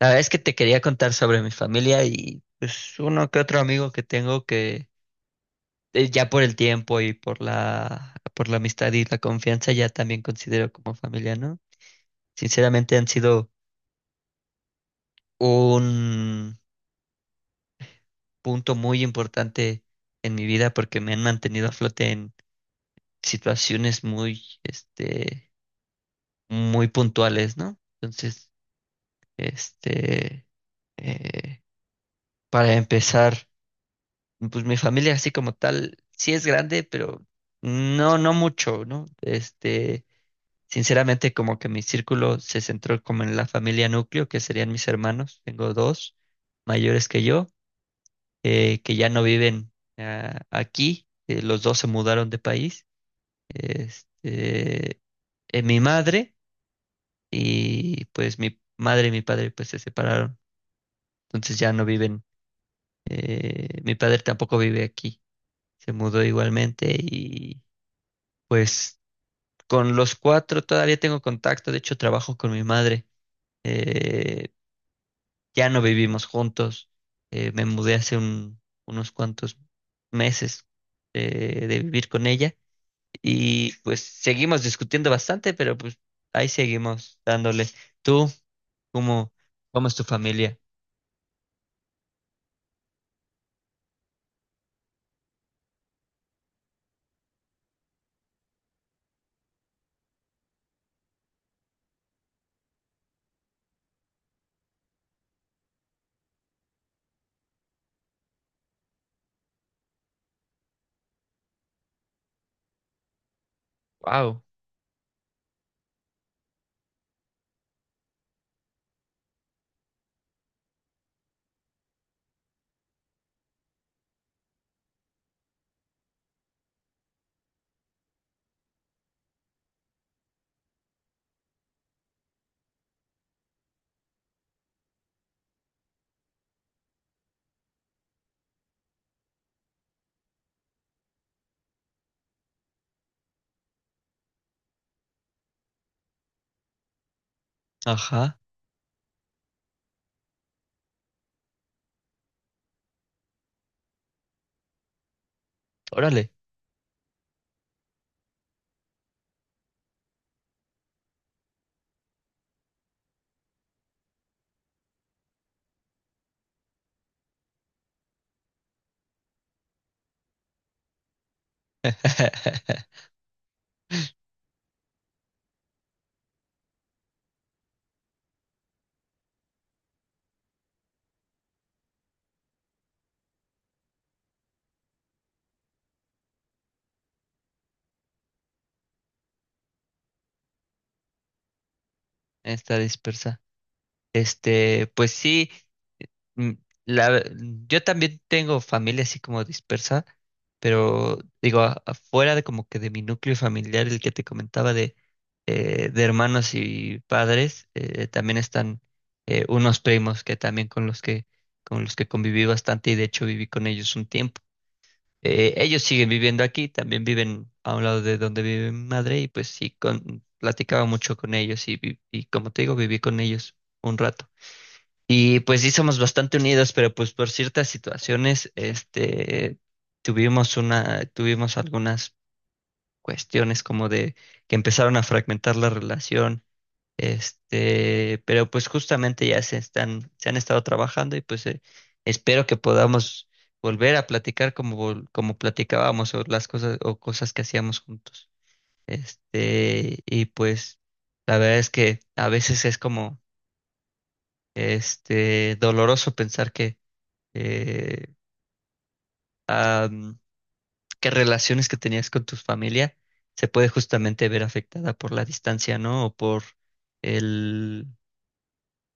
La verdad es que te quería contar sobre mi familia y pues uno que otro amigo que tengo que ya por el tiempo y por la amistad y la confianza ya también considero como familia, ¿no? Sinceramente han sido un punto muy importante en mi vida porque me han mantenido a flote en situaciones muy muy puntuales, ¿no? Entonces, este eh, para empezar, pues mi familia así como tal, sí es grande, pero no, no mucho, ¿no? Este, sinceramente como que mi círculo se centró como en la familia núcleo, que serían mis hermanos. Tengo dos mayores que yo, que ya no viven aquí, los dos se mudaron de país, este, mi madre y pues mi madre y mi padre pues se separaron, entonces ya no viven. Eh, mi padre tampoco vive aquí, se mudó igualmente. Y pues con los cuatro todavía tengo contacto, de hecho trabajo con mi madre. eh, ya no vivimos juntos, me mudé hace unos cuantos meses de vivir con ella y pues seguimos discutiendo bastante, pero pues ahí seguimos dándole. ¿Tú cómo, cómo es tu familia? Wow. Ajá, órale. Está dispersa. Este, pues sí. Mm, la- yo también tengo familia así como dispersa, pero digo, afuera de como que de mi núcleo familiar, el que te comentaba de hermanos y padres, también están unos primos que también con los que conviví bastante y de hecho viví con ellos un tiempo. Ellos siguen viviendo aquí, también viven a un lado de donde vive mi madre y pues sí, con, platicaba mucho con ellos y, y como te digo, viví con ellos un rato. Y pues sí somos bastante unidos, pero pues por ciertas situaciones, este, tuvimos algunas cuestiones como de que empezaron a fragmentar la relación. Este, pero pues justamente ya se están, se han estado trabajando y pues espero que podamos volver a platicar como, como platicábamos o las cosas o cosas que hacíamos juntos. Este, y pues la verdad es que a veces es como, este, doloroso pensar que eh, a, mm, qué relaciones que tenías con tu familia se puede justamente ver afectada por la distancia, ¿no? O por el,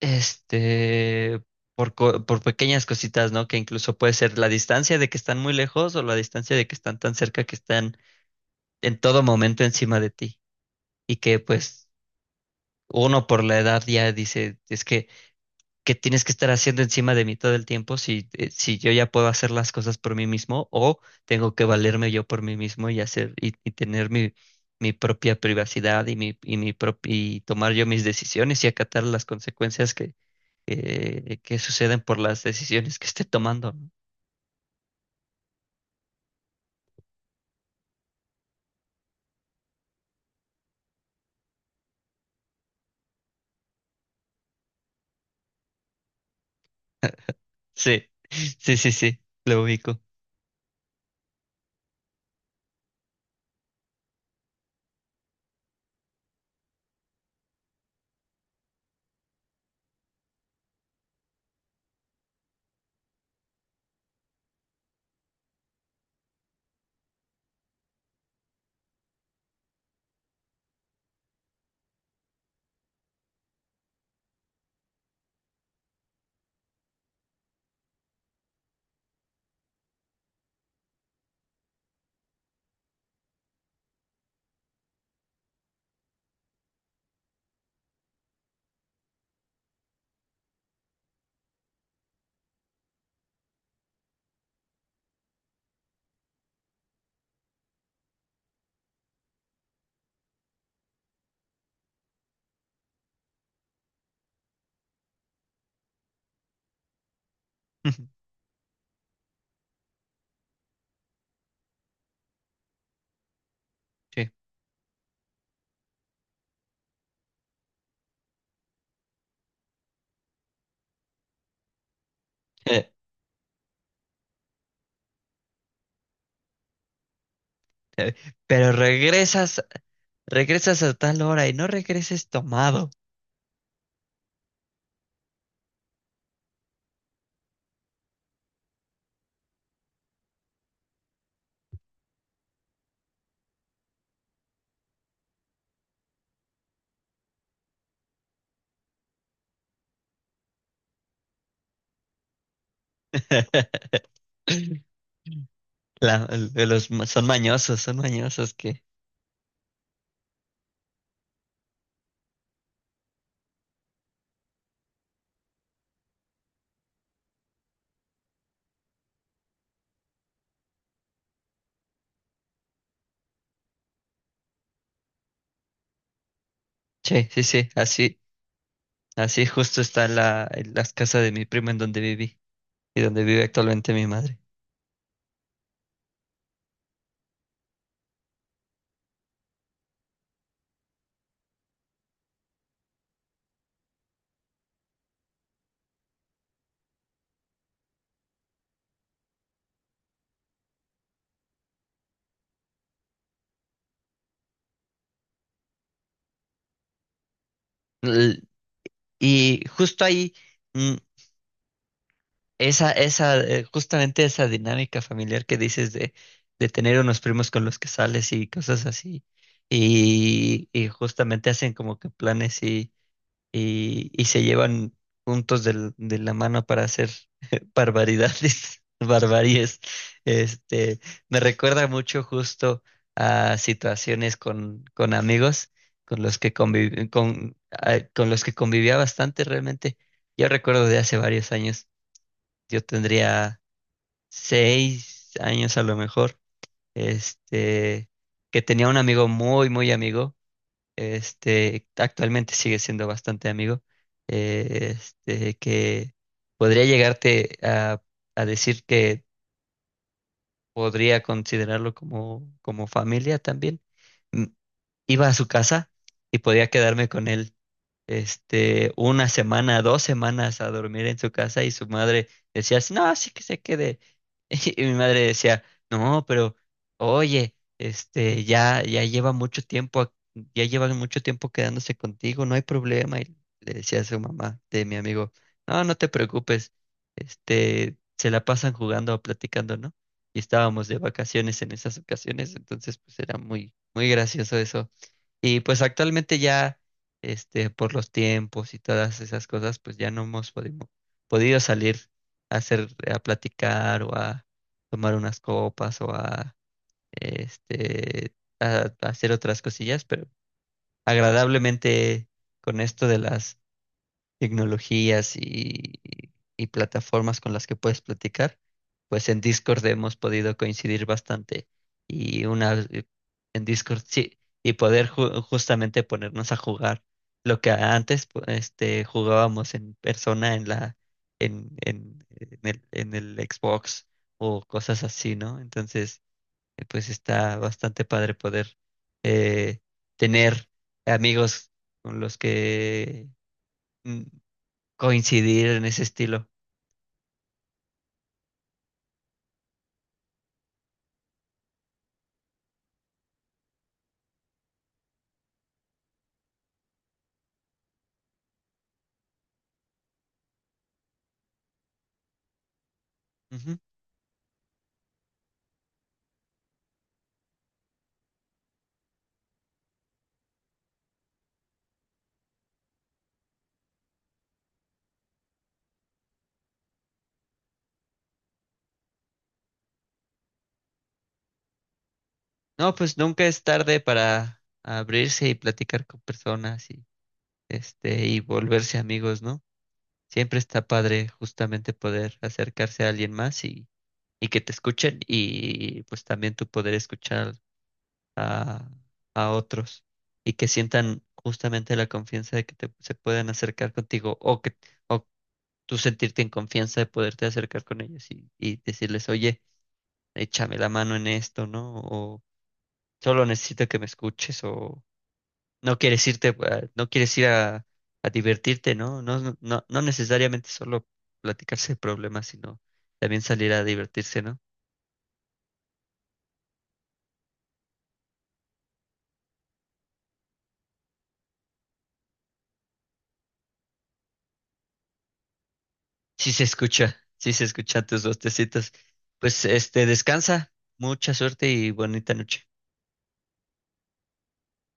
este, por pequeñas cositas, ¿no? Que incluso puede ser la distancia de que están muy lejos o la distancia de que están tan cerca que están en todo momento encima de ti. Y que pues uno por la edad ya dice, es que tienes que estar haciendo encima de mí todo el tiempo si, si yo ya puedo hacer las cosas por mí mismo o tengo que valerme yo por mí mismo y hacer y tener mi propia privacidad y mi, y mi y tomar yo mis decisiones y acatar las consecuencias que, que suceden por las decisiones que esté tomando, ¿no? Sí, sí, sí, sí, lo ubico. Sí. Eh, eh, Pero regresas, regresas a tal hora y no regreses tomado. La- los, son mañosos que... Sí sí, sí, así, así justo está las casas de mi prima en donde viví y donde vive actualmente mi madre. L- Y justo ahí, mm, justamente esa dinámica familiar que dices de tener unos primos con los que sales y cosas así. Y justamente hacen como que planes y se llevan juntos de la mano para hacer barbaridades, barbaries. Este, me recuerda mucho justo a situaciones con amigos con los que con los que convivía bastante realmente. Yo recuerdo de hace varios años, yo tendría 6 años a lo mejor, este, que tenía un amigo muy, muy amigo. Este, actualmente sigue siendo bastante amigo, este, que podría llegarte a decir que podría considerarlo como, como familia también. Mm, iba a su casa y podía quedarme con él, este, una semana, dos semanas a dormir en su casa y su madre decía, "Sí, no, así que se quede." Y mi madre decía, no, pero oye, este, ya lleva mucho tiempo, ya llevan mucho tiempo quedándose contigo, no hay problema. Y le decía a su mamá de mi amigo, no, no te preocupes, este, se la pasan jugando o platicando, ¿no? Y estábamos de vacaciones en esas ocasiones, entonces pues era muy, muy gracioso eso. Y pues actualmente ya, este, por los tiempos y todas esas cosas, pues ya no hemos podido salir a hacer, a platicar o a tomar unas copas o a, este, a hacer otras cosillas, pero agradablemente con esto de las tecnologías y plataformas con las que puedes platicar, pues en Discord hemos podido coincidir bastante y una, en Discord sí, y poder justamente ponernos a jugar lo que antes este jugábamos en persona en la en el Xbox o cosas así, ¿no? Entonces, pues está bastante padre poder eh, tener amigos con los que mm, coincidir en ese estilo. Ujú. No, pues nunca es tarde para abrirse y platicar con personas y este y volverse amigos, ¿no? Siempre está padre justamente poder acercarse a alguien más y que te escuchen y pues también tú poder escuchar a, a otros y que sientan justamente la confianza de que te, se puedan acercar contigo o que tú sentirte en confianza de poderte acercar con ellos y decirles, oye, échame la mano en esto, ¿no? Solo necesito que me escuches o no quieres irte, no quieres ir a divertirte, ¿no? No, no, no no necesariamente solo platicarse de problemas, sino también salir a divertirse, ¿no? Sí se escucha, sí se escuchan tus bostecitos. Pues este, descansa, mucha suerte y bonita noche.